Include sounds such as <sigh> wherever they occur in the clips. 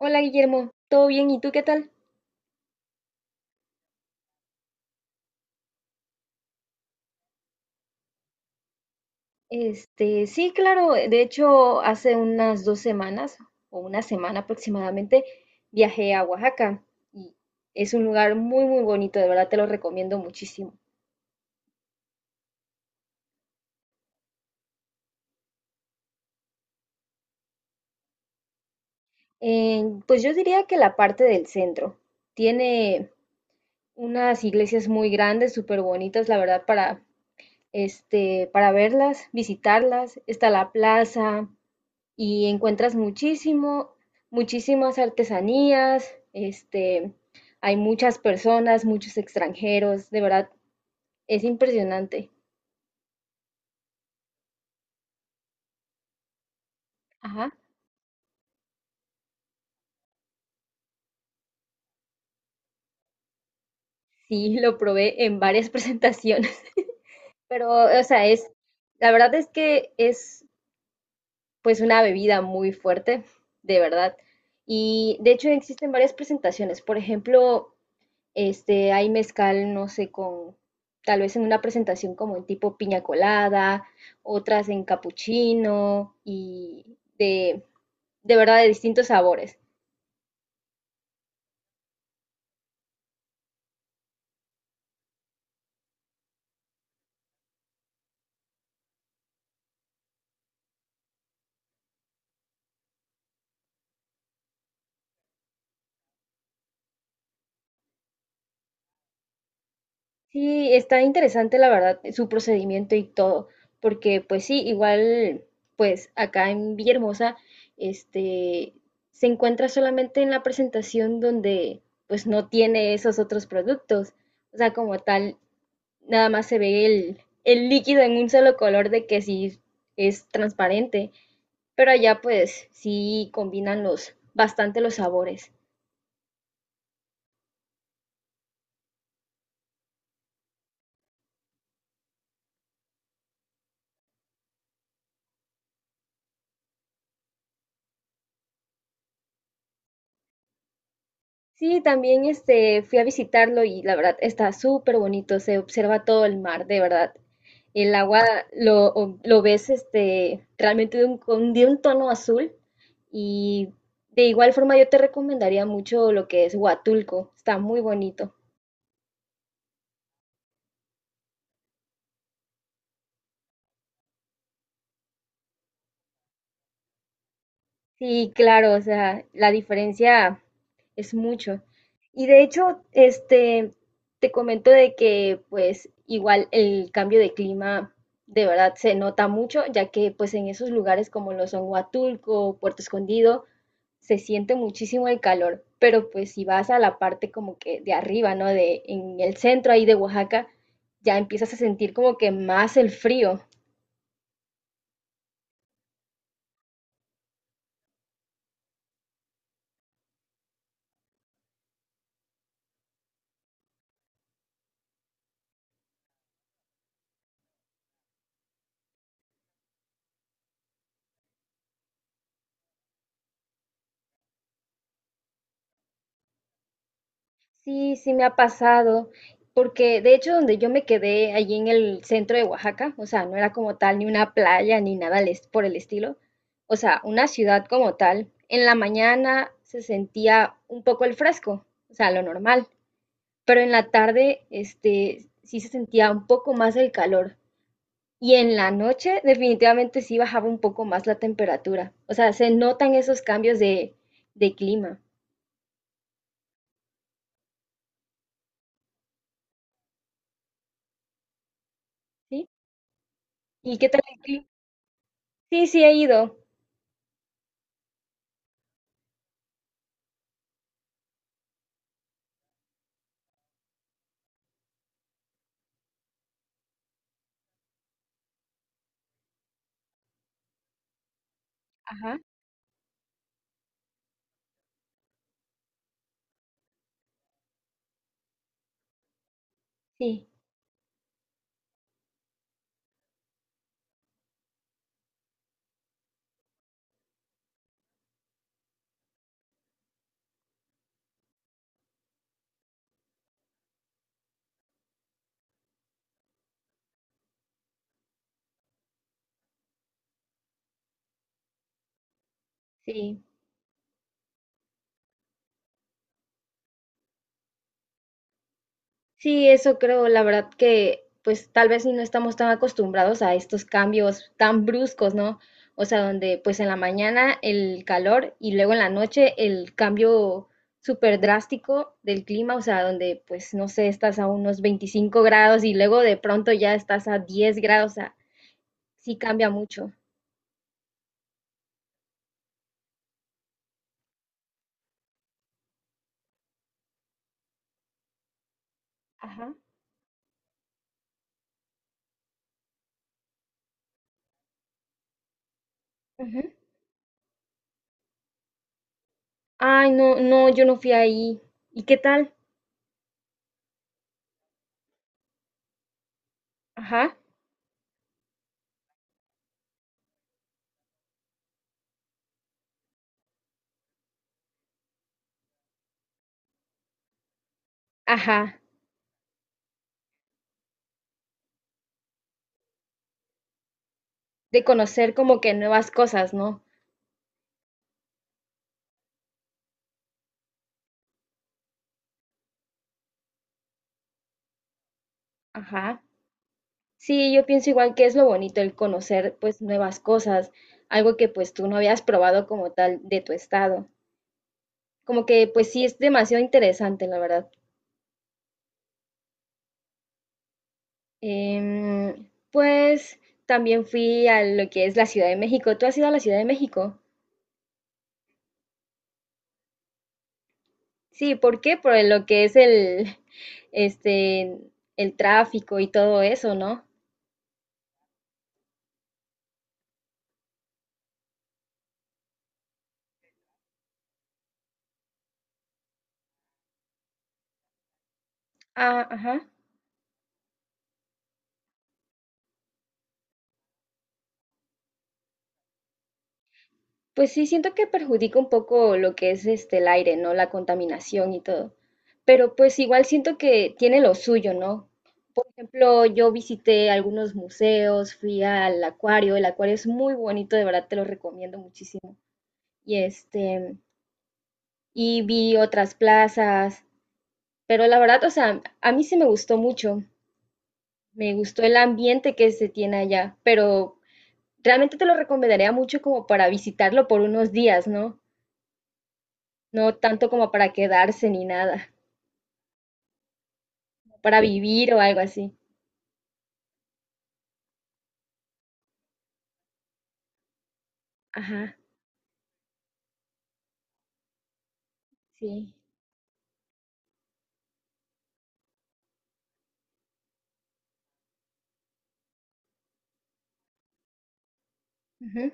Hola Guillermo, ¿todo bien? ¿Y tú qué tal? Sí, claro, de hecho hace unas dos semanas o una semana aproximadamente viajé a Oaxaca y es un lugar muy muy bonito, de verdad te lo recomiendo muchísimo. Pues yo diría que la parte del centro tiene unas iglesias muy grandes, súper bonitas, la verdad, para, para verlas, visitarlas. Está la plaza, y encuentras muchísimo, muchísimas artesanías, hay muchas personas, muchos extranjeros, de verdad, es impresionante. Ajá, sí, lo probé en varias <laughs> presentaciones, pero, o sea, es, la verdad es que es pues una bebida muy fuerte, de verdad. Y de hecho existen varias presentaciones, por ejemplo, hay mezcal, no sé, con tal vez en una presentación como en tipo piña colada, otras en capuchino de verdad de distintos sabores. Sí, está interesante la verdad su procedimiento y todo, porque pues sí, igual pues acá en Villahermosa este se encuentra solamente en la presentación donde pues no tiene esos otros productos. O sea, como tal, nada más se ve el líquido en un solo color de que sí es transparente, pero allá pues sí combinan los bastante los sabores. Sí, también fui a visitarlo y la verdad está súper bonito, se observa todo el mar, de verdad. El agua lo ves realmente de un, de un tono azul y de igual forma yo te recomendaría mucho lo que es Huatulco, está muy bonito. Sí, claro, o sea, la diferencia es mucho. Y de hecho, te comento de que pues igual el cambio de clima de verdad se nota mucho, ya que pues en esos lugares como lo son Huatulco, Puerto Escondido, se siente muchísimo el calor, pero pues si vas a la parte como que de arriba, ¿no? De en el centro ahí de Oaxaca, ya empiezas a sentir como que más el frío. Sí, sí me ha pasado, porque de hecho donde yo me quedé allí en el centro de Oaxaca, o sea, no era como tal ni una playa ni nada por el estilo, o sea, una ciudad como tal, en la mañana se sentía un poco el fresco, o sea, lo normal, pero en la tarde, sí se sentía un poco más el calor y en la noche definitivamente sí bajaba un poco más la temperatura, o sea, se notan esos cambios de clima, ¿sí? ¿Y qué tal el clima? Sí, sí he ido. Ajá. Sí, sí. Sí, eso creo, la verdad que pues tal vez si no estamos tan acostumbrados a estos cambios tan bruscos, ¿no? O sea, donde pues en la mañana el calor y luego en la noche el cambio súper drástico del clima, o sea, donde pues no sé, estás a unos 25 grados y luego de pronto ya estás a 10 grados, o sea, sí cambia mucho. Ajá. Ujú. Ay, no, no, yo no fui ahí. ¿Y qué tal? Ajá, ajá. De conocer como que nuevas cosas, ¿no? Ajá. Sí, yo pienso igual que es lo bonito el conocer pues nuevas cosas, algo que pues tú no habías probado como tal de tu estado. Como que pues sí es demasiado interesante, la verdad. Pues también fui a lo que es la Ciudad de México. ¿Tú has ido a la Ciudad de México? Sí, ¿por qué? Por lo que es el, <laughs> este, el tráfico y todo eso, ¿no? Ah, ajá. Pues sí, siento que perjudica un poco lo que es este el aire, ¿no? La contaminación y todo. Pero pues igual siento que tiene lo suyo, ¿no? Por ejemplo, yo visité algunos museos, fui al acuario, el acuario es muy bonito, de verdad te lo recomiendo muchísimo. Y y vi otras plazas, pero la verdad, o sea, a mí sí me gustó mucho, me gustó el ambiente que se tiene allá, pero realmente te lo recomendaría mucho como para visitarlo por unos días, ¿no? No tanto como para quedarse ni nada, para vivir o algo así. Ajá, sí. Ujú.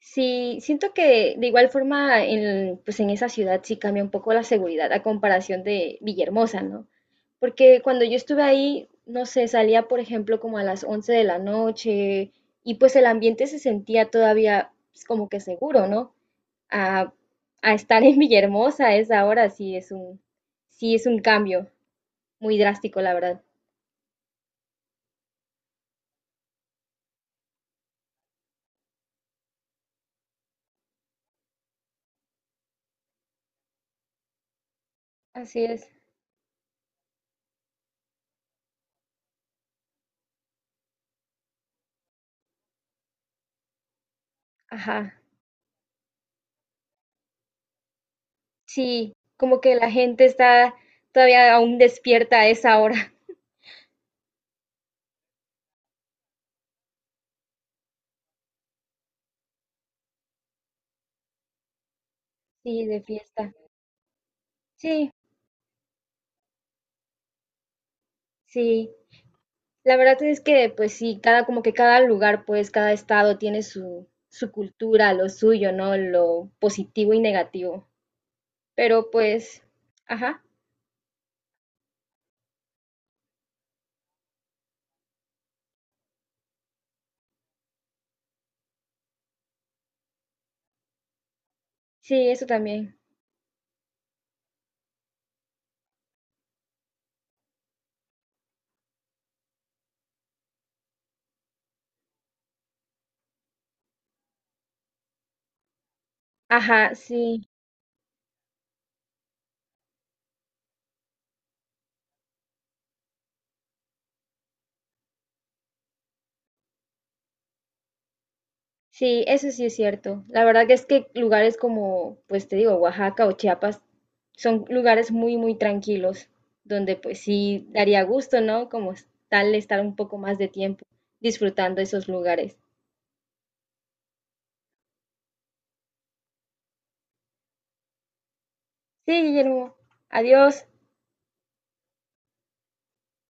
Sí, siento que de igual forma en, pues en esa ciudad sí cambia un poco la seguridad a comparación de Villahermosa, ¿no? Porque cuando yo estuve ahí, no sé, salía por ejemplo como a las 11 de la noche y pues el ambiente se sentía todavía pues, como que seguro, ¿no? A, a estar en Villahermosa a esa hora sí es sí es un cambio muy drástico, la verdad. Así es. Ajá, sí, como que la gente está todavía aún despierta a esa hora, <laughs> sí, de fiesta. Sí, sí. La verdad es que, pues sí, como que cada lugar, pues, cada estado tiene su cultura, lo suyo, ¿no? Lo positivo y negativo. Pero pues, ajá, sí, eso también. Ajá, sí. Sí, eso sí es cierto. La verdad que es que lugares como, pues te digo, Oaxaca o Chiapas son lugares muy, muy tranquilos, donde pues sí daría gusto, ¿no? Tal estar un poco más de tiempo disfrutando esos lugares. Sí, Guillermo. Adiós.